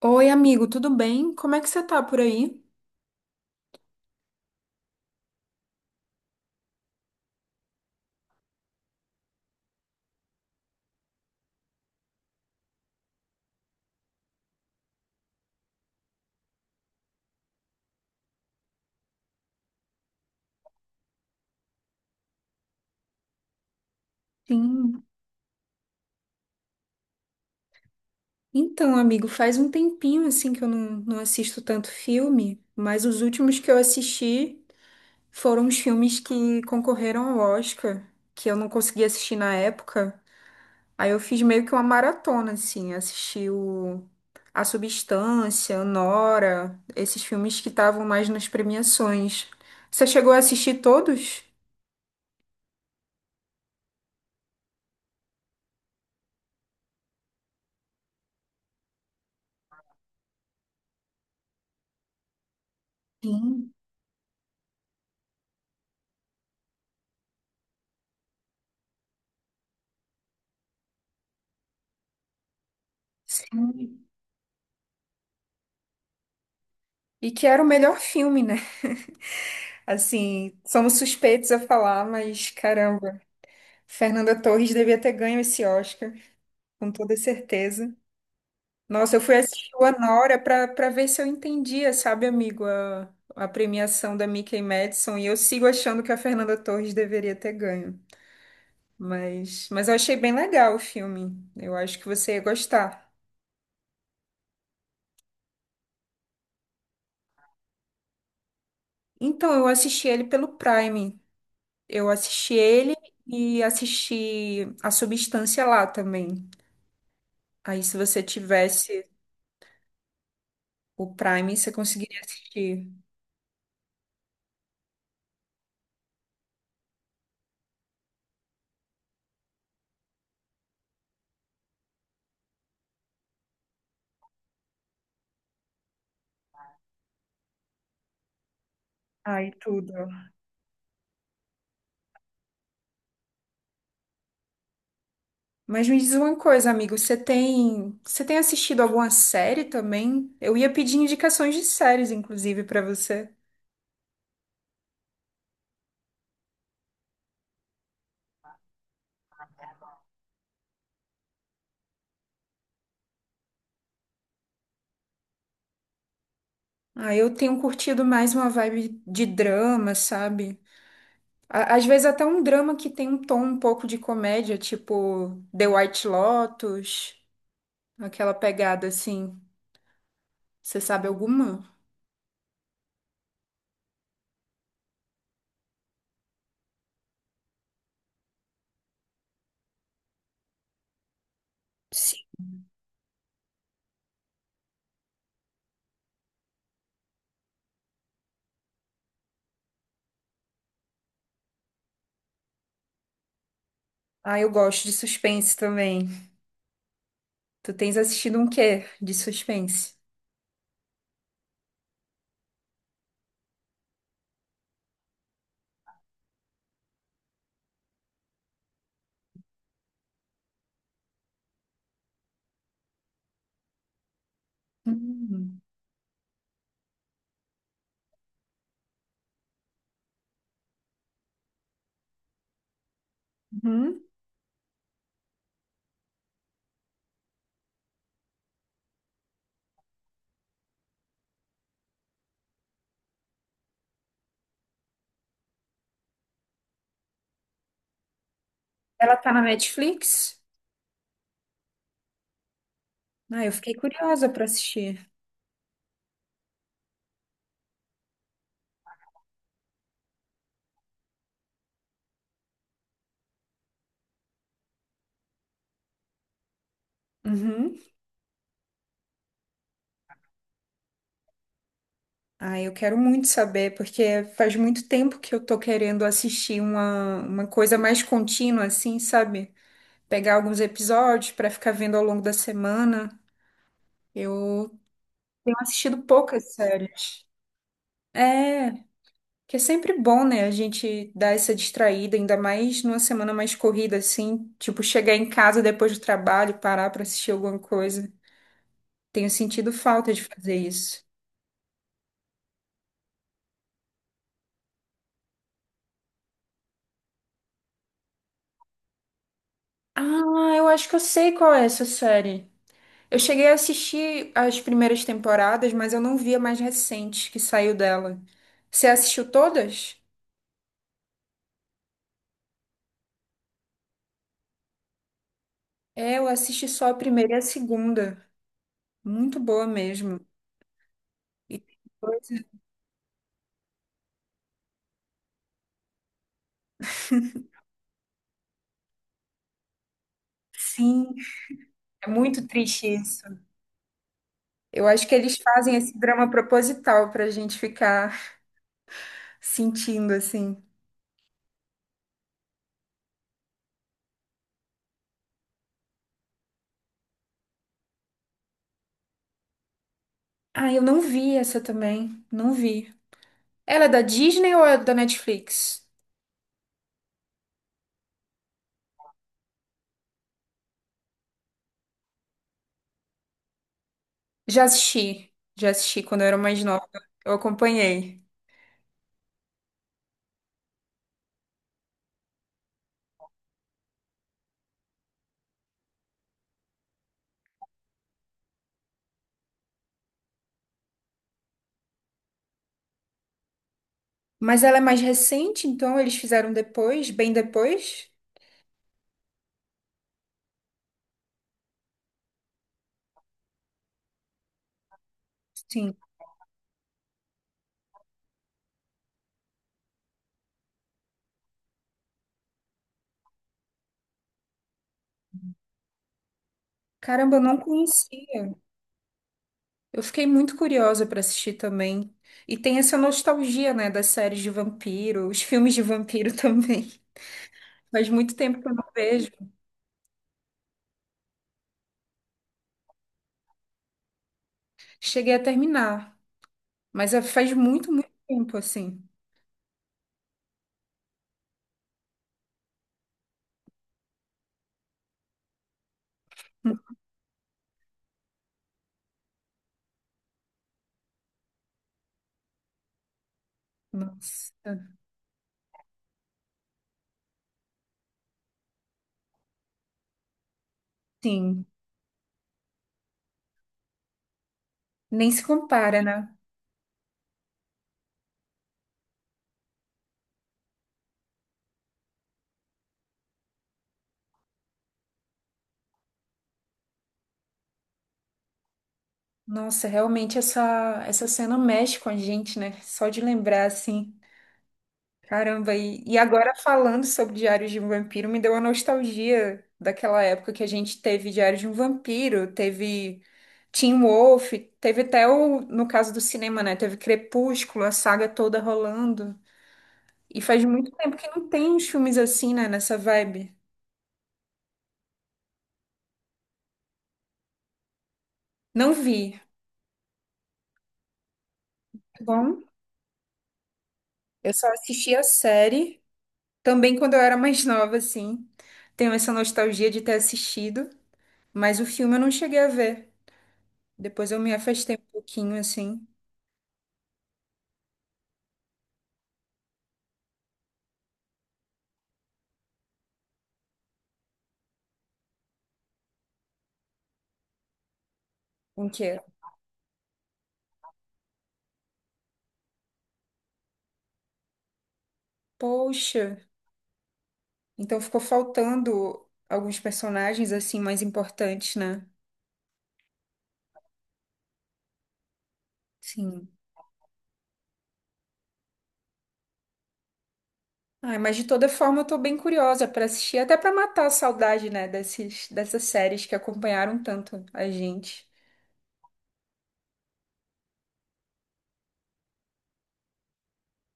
Oi, amigo, tudo bem? Como é que você tá por aí? Sim. Então, amigo, faz um tempinho assim que eu não assisto tanto filme, mas os últimos que eu assisti foram os filmes que concorreram ao Oscar, que eu não consegui assistir na época. Aí eu fiz meio que uma maratona, assim, assisti o A Substância, Nora, esses filmes que estavam mais nas premiações. Você chegou a assistir todos? Sim, sim. E que era o melhor filme, né? Assim, somos suspeitos a falar, mas caramba, Fernanda Torres devia ter ganho esse Oscar, com toda certeza. Nossa, eu fui assistir o Anora para ver se eu entendia, sabe, amigo, a premiação da Mickey Madison, e eu sigo achando que a Fernanda Torres deveria ter ganho. Mas eu achei bem legal o filme. Eu acho que você ia gostar. Então, eu assisti ele pelo Prime. Eu assisti ele e assisti A Substância lá também. Aí, se você tivesse O Prime você conseguiria assistir. Ai, tudo. Mas me diz uma coisa, amigo, você tem assistido alguma série também? Eu ia pedir indicações de séries, inclusive, pra você. Ah, eu tenho curtido mais uma vibe de drama, sabe? Às vezes até um drama que tem um tom um pouco de comédia, tipo The White Lotus, aquela pegada assim. Você sabe alguma? Sim. Ah, eu gosto de suspense também. Tu tens assistido um quê de suspense? Hum. Uhum. Ela tá na Netflix? Ah, eu fiquei curiosa pra assistir. Uhum. Ah, eu quero muito saber, porque faz muito tempo que eu tô querendo assistir uma coisa mais contínua, assim, sabe? Pegar alguns episódios pra ficar vendo ao longo da semana. Eu tenho assistido poucas séries. É, que é sempre bom, né? A gente dar essa distraída, ainda mais numa semana mais corrida, assim, tipo, chegar em casa depois do trabalho, parar pra assistir alguma coisa. Tenho sentido falta de fazer isso. Ah, eu acho que eu sei qual é essa série. Eu cheguei a assistir as primeiras temporadas, mas eu não vi a mais recente que saiu dela. Você assistiu todas? É, eu assisti só a primeira e a segunda. Muito boa mesmo. E tem coisa- Sim, é muito triste isso. Eu acho que eles fazem esse drama proposital pra gente ficar sentindo assim. Ah, eu não vi essa também. Não vi. Ela é da Disney ou é da Netflix? Já assisti, já assisti quando eu era mais nova, eu acompanhei. Mas ela é mais recente, então eles fizeram depois, bem depois? Sim. Caramba, eu não conhecia. Eu fiquei muito curiosa para assistir também. E tem essa nostalgia, né, das séries de vampiro, os filmes de vampiro também. Faz muito tempo que eu não vejo. Cheguei a terminar, mas faz muito, muito tempo assim. Nossa. Sim, nem se compara, né? Nossa, realmente essa cena mexe com a gente, né? Só de lembrar, assim. Caramba, e agora falando sobre Diários de um Vampiro, me deu uma nostalgia daquela época que a gente teve Diários de um Vampiro, teve Teen Wolf, teve até o, no caso do cinema, né? Teve Crepúsculo, a saga toda rolando. E faz muito tempo que não tem uns filmes assim, né? Nessa vibe. Não vi. Tá bom, eu só assisti a série. Também quando eu era mais nova, assim, tenho essa nostalgia de ter assistido, mas o filme eu não cheguei a ver. Depois eu me afastei um pouquinho, assim, com que era. Poxa, então ficou faltando alguns personagens, assim, mais importantes, né? Sim. Ai, mas de toda forma eu tô bem curiosa pra assistir, até pra matar a saudade, né, desses, dessas séries que acompanharam tanto a gente.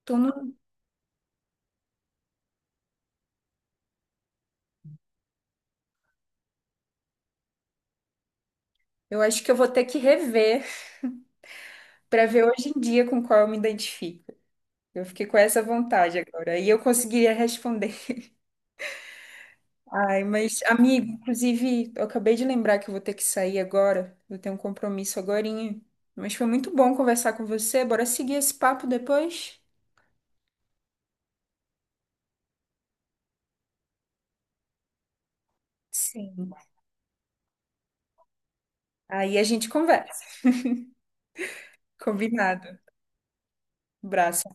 Tô no... Eu acho que eu vou ter que rever pra ver hoje em dia com qual eu me identifico. Eu fiquei com essa vontade agora. E eu conseguiria responder. Ai, mas, amigo, inclusive, eu acabei de lembrar que eu vou ter que sair agora. Eu tenho um compromisso agorinha. Mas foi muito bom conversar com você. Bora seguir esse papo depois? Sim. Aí a gente conversa. Combinado. Abraço.